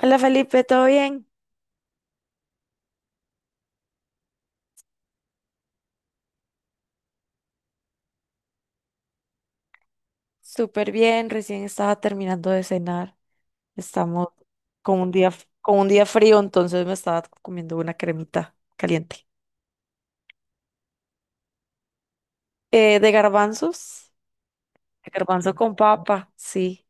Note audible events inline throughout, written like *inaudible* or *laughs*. Hola Felipe, ¿todo bien? Súper bien, recién estaba terminando de cenar. Estamos con un día, con un día frío, entonces me estaba comiendo una cremita caliente. De garbanzos, de garbanzo con papa, sí.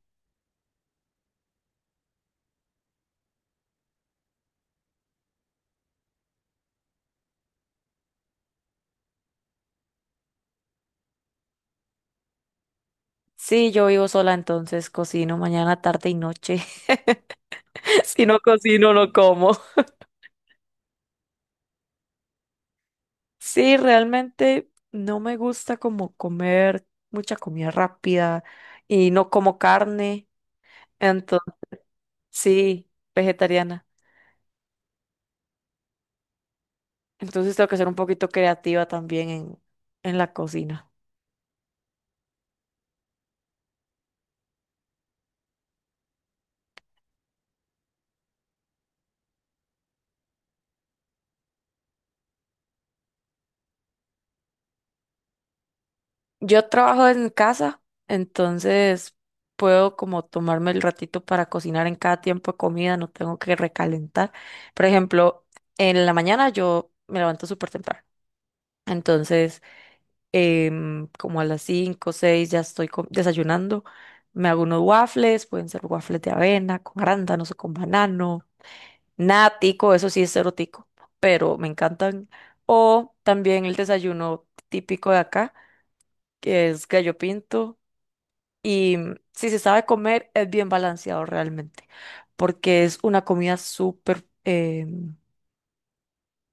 Sí, yo vivo sola, entonces cocino mañana, tarde y noche. *laughs* Si no cocino, no como. Sí, realmente no me gusta como comer mucha comida rápida y no como carne, entonces sí, vegetariana. Entonces tengo que ser un poquito creativa también en la cocina. Yo trabajo en casa, entonces puedo como tomarme el ratito para cocinar en cada tiempo de comida, no tengo que recalentar. Por ejemplo, en la mañana yo me levanto súper temprano. Entonces, como a las 5, o seis ya estoy desayunando. Me hago unos waffles, pueden ser waffles de avena, con arándanos o con banano. Nada tico, eso sí es cero tico, pero me encantan. O también el desayuno típico de acá, que es gallo pinto. Y si se sabe comer, es bien balanceado realmente, porque es una comida súper,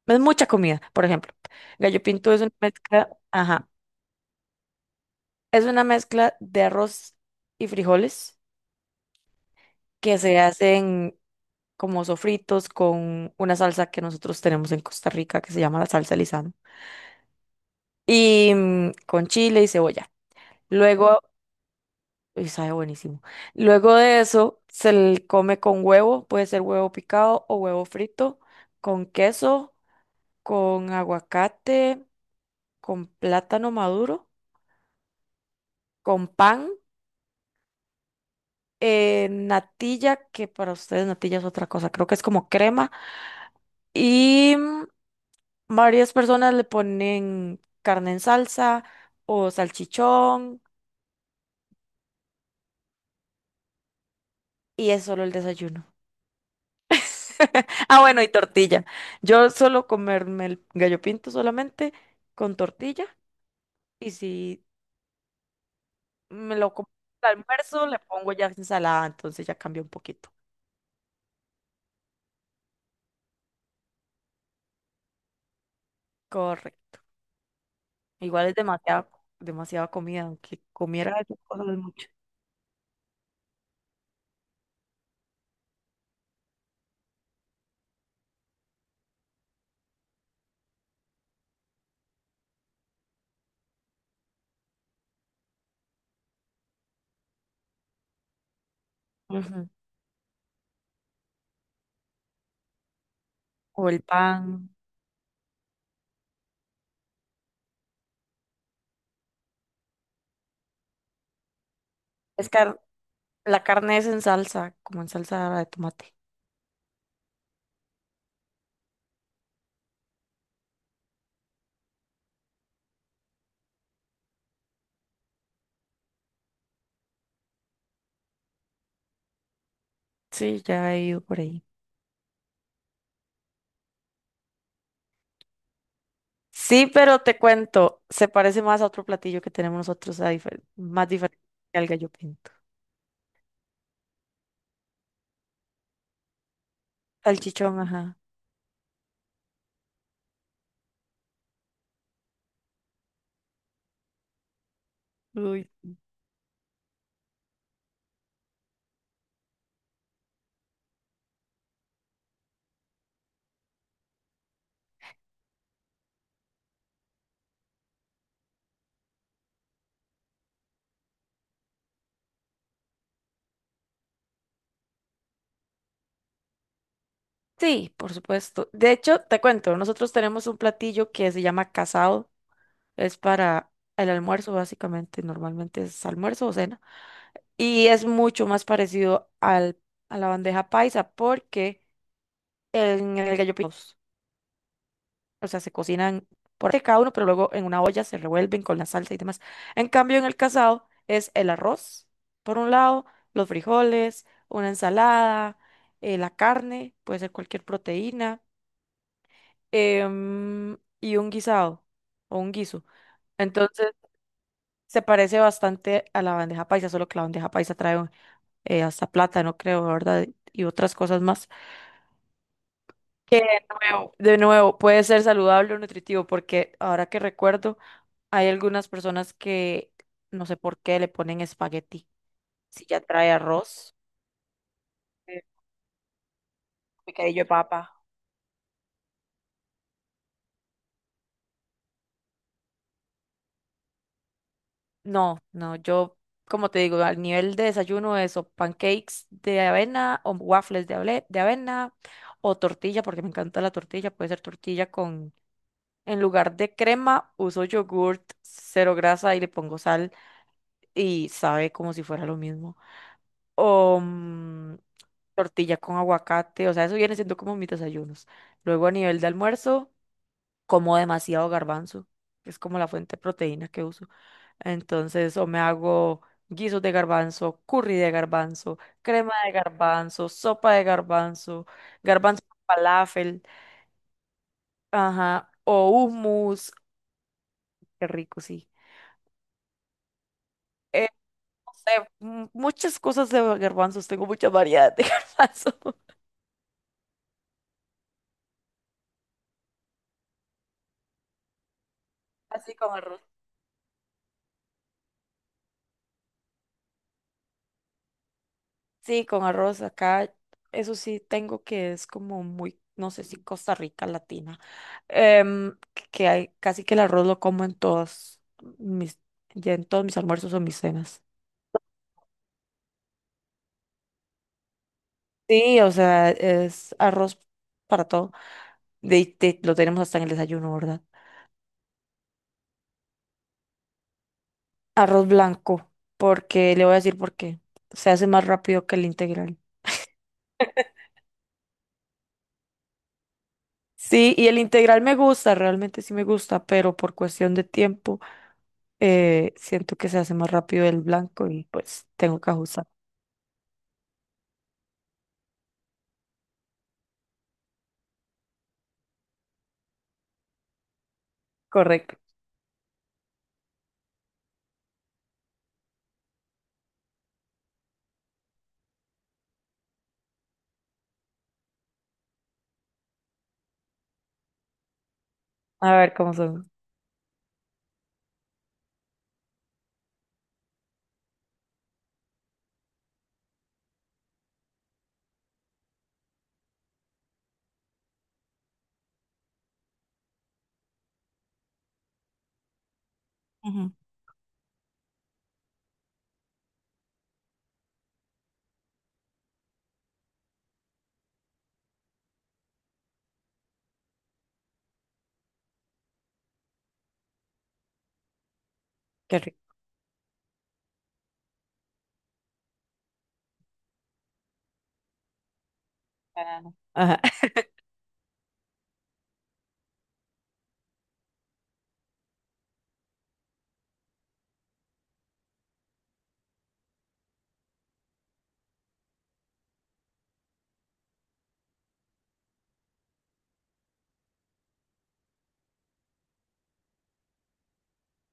es mucha comida. Por ejemplo, gallo pinto es una mezcla, ajá, es una mezcla de arroz y frijoles que se hacen como sofritos con una salsa que nosotros tenemos en Costa Rica que se llama la salsa Lizano. Y con chile y cebolla. Luego, y sabe buenísimo. Luego de eso, se le come con huevo, puede ser huevo picado o huevo frito, con queso, con aguacate, con plátano maduro, con pan, natilla, que para ustedes natilla es otra cosa, creo que es como crema, y varias personas le ponen carne en salsa o salchichón, y es solo el desayuno. *laughs* Ah, bueno, y tortilla. Yo suelo comerme el gallo pinto solamente con tortilla, y si me lo como al almuerzo le pongo ya ensalada, entonces ya cambia un poquito. Correcto. Igual es demasiada, demasiada comida, aunque comiera esas cosas es mucho. Ujú. O el pan. Es car- la carne es en salsa, como en salsa de tomate. Sí, ya he ido por ahí. Sí, pero te cuento, se parece más a otro platillo que tenemos nosotros más diferente al gallo pinto. Salchichón, ajá. Uy. Sí, por supuesto. De hecho, te cuento, nosotros tenemos un platillo que se llama casado. Es para el almuerzo, básicamente. Normalmente es almuerzo o cena. Y es mucho más parecido a la bandeja paisa, porque en el gallo pinto, o sea, se cocinan por aparte cada uno, pero luego en una olla se revuelven con la salsa y demás. En cambio, en el casado es el arroz, por un lado, los frijoles, una ensalada, la carne, puede ser cualquier proteína, y un guisado o un guiso. Entonces, se parece bastante a la bandeja paisa, solo que la bandeja paisa trae hasta plátano, creo, ¿verdad? Y otras cosas más. Que de nuevo, puede ser saludable o nutritivo, porque ahora que recuerdo, hay algunas personas que no sé por qué le ponen espagueti. Si ya trae arroz, eh, picadillo de papa. No, no, yo, como te digo, al nivel de desayuno, eso, pancakes de avena o waffles de avena o tortilla, porque me encanta la tortilla, puede ser tortilla con, en lugar de crema, uso yogurt, cero grasa y le pongo sal y sabe como si fuera lo mismo. O tortilla con aguacate, o sea, eso viene siendo como mis desayunos. Luego a nivel de almuerzo como demasiado garbanzo, que es como la fuente de proteína que uso. Entonces, o me hago guisos de garbanzo, curry de garbanzo, crema de garbanzo, sopa de garbanzo, garbanzo con falafel, ajá, o hummus, qué rico, sí. Eh, no sé, muchas cosas de garbanzos, tengo mucha variedad de *laughs* garbanzo. Así con arroz. Sí, con arroz acá, eso sí tengo que es como muy, no sé si Costa Rica latina, em, que hay casi que el arroz lo como en todos mis, mis almuerzos o mis cenas. Sí, o sea, es arroz para todo. Lo tenemos hasta en el desayuno, ¿verdad? Arroz blanco, porque le voy a decir por qué. Se hace más rápido que el integral. Sí, y el integral me gusta, realmente sí me gusta, pero por cuestión de tiempo, siento que se hace más rápido el blanco y pues tengo que ajustar. Correcto. A ver cómo son. Ujú. Qué rico. Banano. Ajá.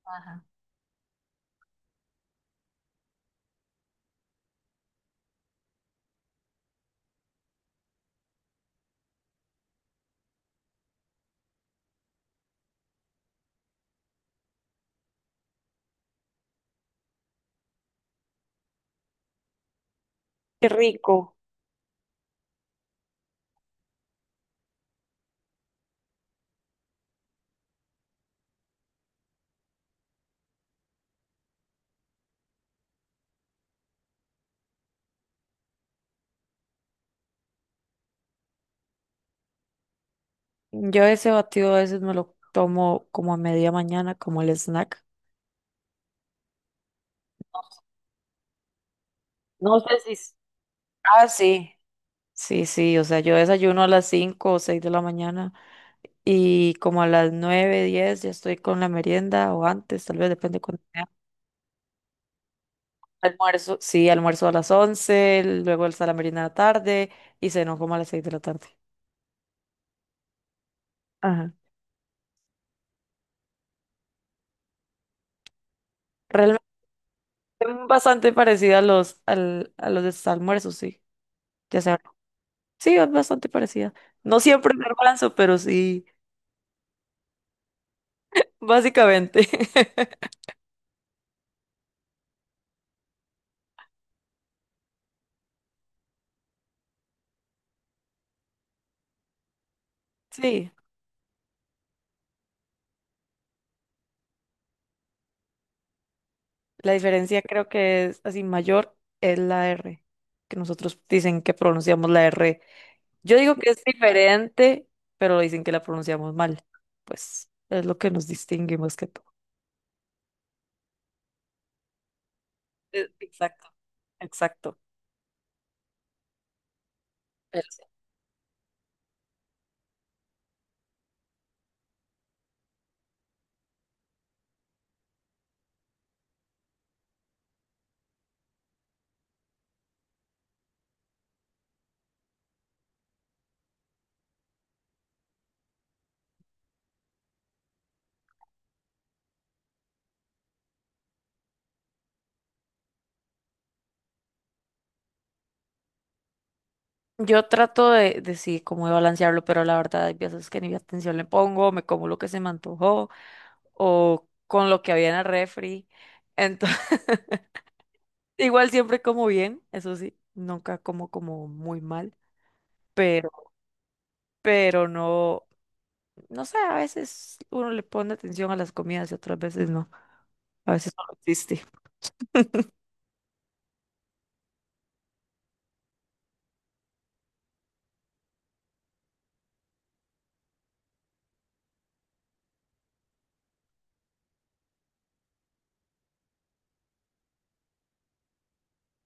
Ajá. *laughs* Qué rico. Yo ese batido a veces me lo tomo como a media mañana, como el snack. No sé si. Ah, sí. Sí, sí, o sea, yo desayuno a las 5 o 6 de la mañana y como a las 9, 10 ya estoy con la merienda o antes, tal vez depende cuándo sea. Almuerzo, sí, almuerzo a las 11, luego está la merienda de la tarde y cenó como a las seis de la tarde. Ajá. Realmente bastante parecida a los de sus almuerzos, sí. Ya sabes. Sí, es bastante parecida. No siempre me alcanzo, pero sí, básicamente. *laughs* Sí. La diferencia creo que es así mayor es la R, que nosotros dicen que pronunciamos la R. Yo digo que es diferente, pero dicen que la pronunciamos mal. Pues es lo que nos distingue más que todo. Exacto, exacto. Pero sí. Yo trato de sí, como de balancearlo, pero la verdad hay veces que ni atención le pongo, me como lo que se me antojó o con lo que había en el refri. Entonces, *laughs* igual siempre como bien, eso sí, nunca como muy mal. Pero no, no sé, a veces uno le pone atención a las comidas y otras veces no. A veces solo existe.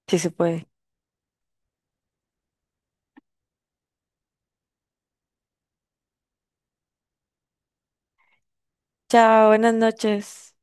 Sí se puede. Chao, buenas noches.